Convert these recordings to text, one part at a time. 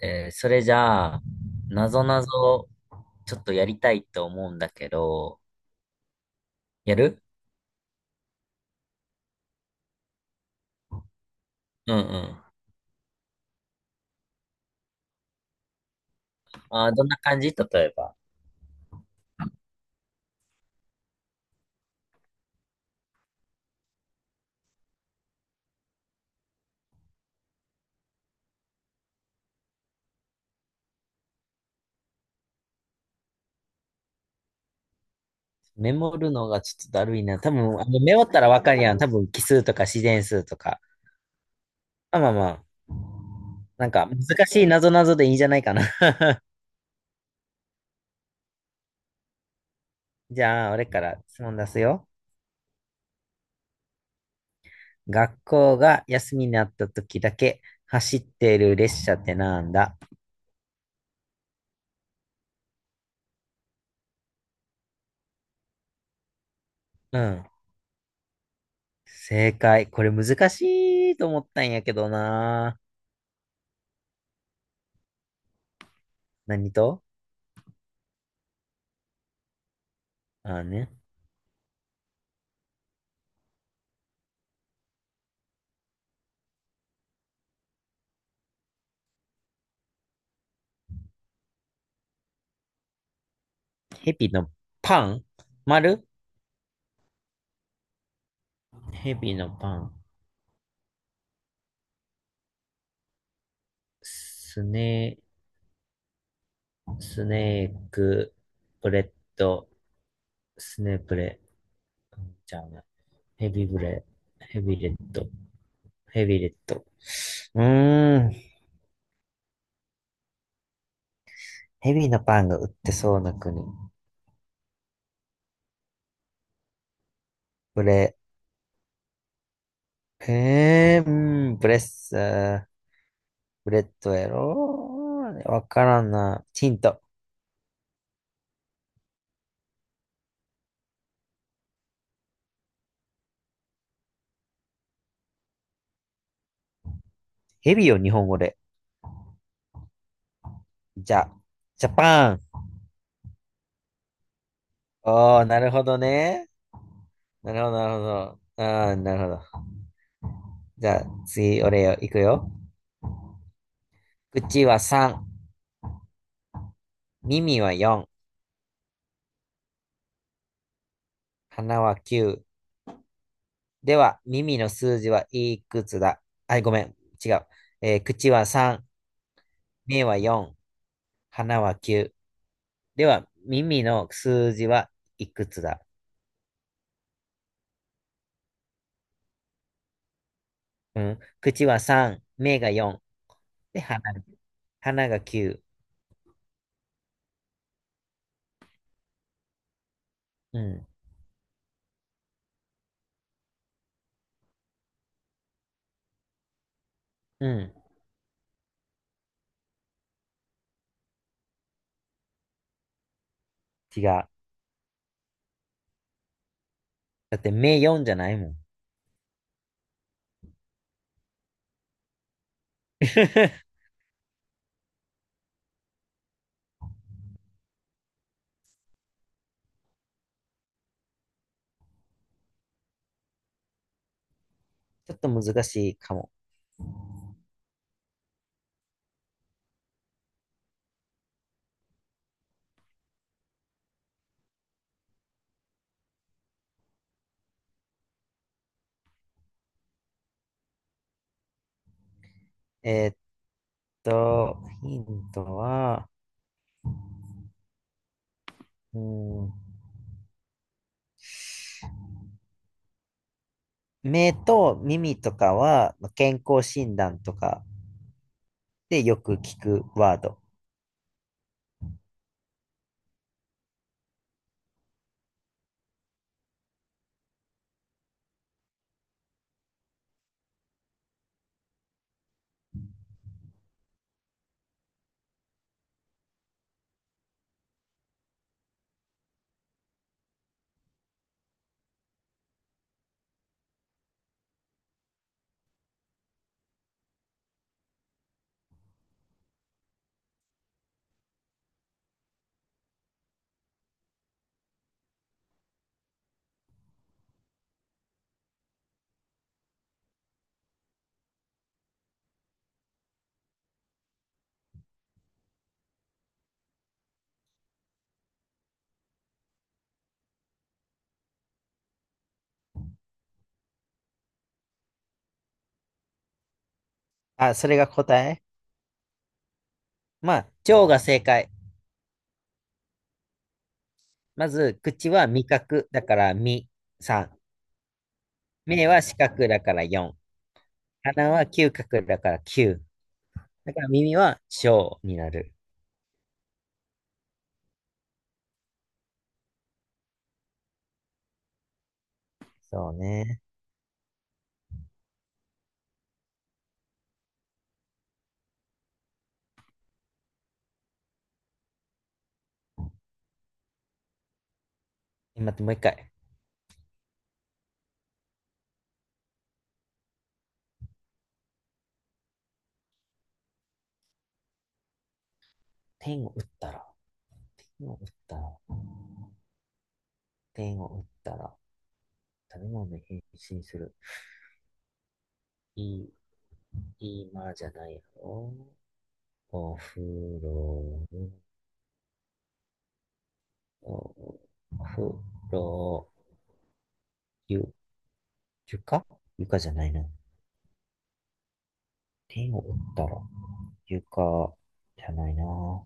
それじゃあ、なぞなぞ、ちょっとやりたいと思うんだけど、やる。うんうん。どんな感じ例えば。メモるのがちょっとだるいな。多分、メモったらわかるやん。多分、奇数とか自然数とか。まあまあまあ。なんか、難しいなぞなぞでいいんじゃないかな。じゃあ、俺から質問出すよ。学校が休みになった時だけ走ってる列車ってなんだ？うん。正解。これ難しいと思ったんやけどな。何と、あね。ヘビのパン丸、ヘビのパン。スネ、スネーク、ブレッド、スネブレ。うん、じゃあね。ヘビブレ、ヘビレッド、ヘビレッド。うーん。ヘビのパンが売ってそうな国。ブレ、うん、ブレッサー、ブレッドやろ、わからんな。ヒント。ヘビを日本語で。じゃ、ジャパン。おー、なるほどね。なるほど、なるほど。ああ、なるほど。じゃあ、次、俺よ、いくよ。口は3、耳は4、鼻は9。では、耳の数字はいくつだ？あ、ごめん、違う。口は3、目は4、鼻は9。では、耳の数字はいくつだ？うん。口は3、目が4、で、鼻が9。うん、うん、違う。だって、目4じゃないもん。ちょっと難しいかも。えーヒントは、うん、目と耳とかは健康診断とかでよく聞くワード。あ、それが答え？まあ、腸が正解。まず、口は味覚だから味。目は視覚だから四。鼻は嗅覚だから九。だから耳は小になる。そうね。待って、もう一回。点を打ったら、点を打ったら、点を打ったら、食べ物に変身する。いい？今じゃないよ。お風呂、お風呂、ゆ、床床じゃないな。天を打ったら、床じゃないな。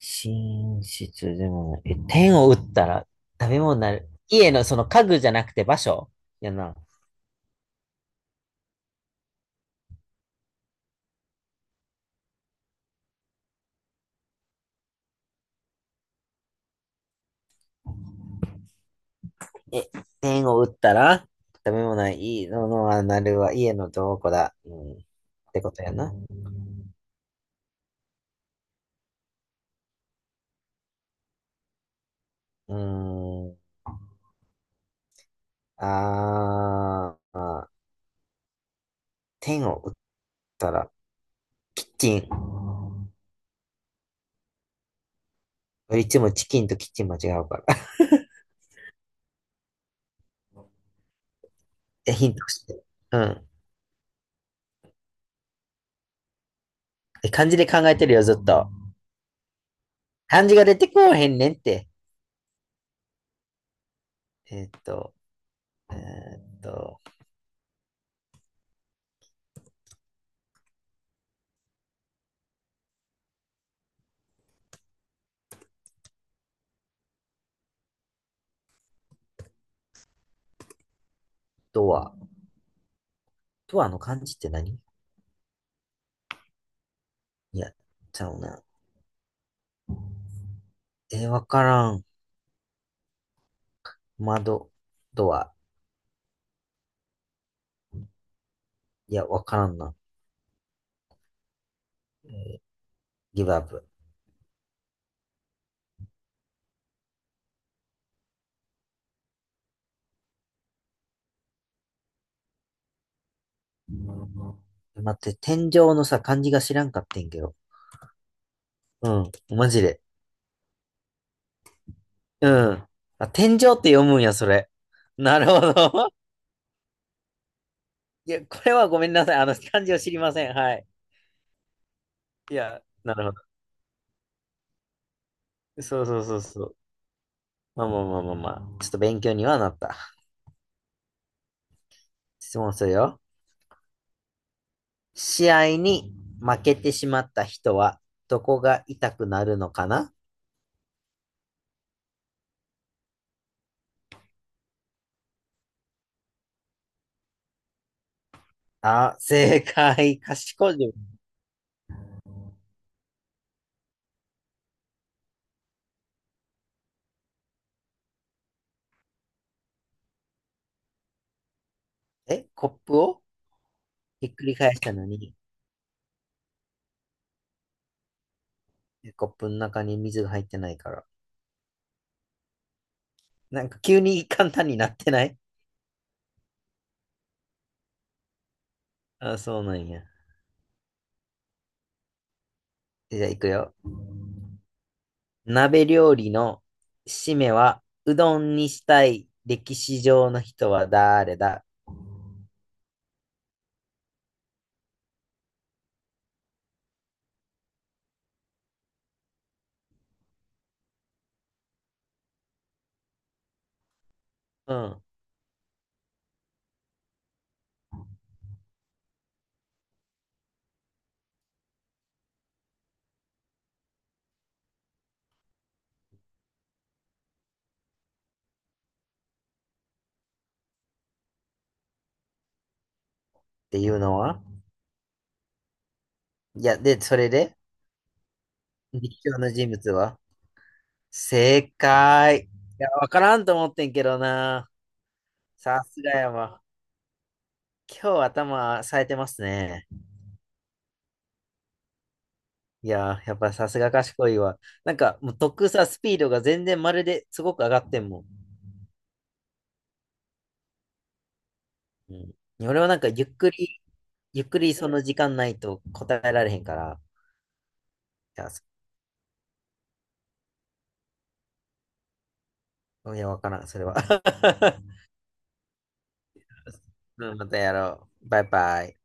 寝室でもない。え、天を打ったら食べ物になる。家のその家具じゃなくて場所やな。え、天を打ったら食べ物ない。いいのはなるは家のどこだ。うん。ってことやな。うーん。あーあー。天を打ったら、キッチン。いつもチキンとキッチン間違うから。え、ヒントして。うん。え、漢字で考えてるよ、ずっと。漢字が出てこうへんねんって。えーっと、えーっと、ドア。ドアの漢字って何？いや、ちゃうな。わからん。窓、ドア。いや、わからんな。ギブアップ。待って、天井のさ、漢字が知らんかってんけど。うん、マジで。うん。あ、天井って読むんや、それ。なるほど。いや、これはごめんなさい。漢字を知りません。はい。いや、なるほど。そうそうそうそう。まあまあまあまあまあ。ちょっと勉強にはなった。質問するよ。試合に負けてしまった人は、どこが痛くなるのかな？あ、正解。賢い。え、コップをひっくり返したのに、コップの中に水が入ってないから。なんか急に簡単になってない？あ、そうなんや。じゃあ行くよ。鍋料理の締めは、うどんにしたい歴史上の人は誰だ？うん。っていうのは、いや、で、それで、歴史上の人物は？正解。いや、わからんと思ってんけどな。さすがやわ。今日頭冴えてますね。いや、やっぱさすが賢いわ。なんか、もうスピードが全然まるですごく上がってんもん。うん。俺はなんかゆっくりその時間ないと答えられへんから。いやいや、わからん、それは。うん、またやろう。バイバイ。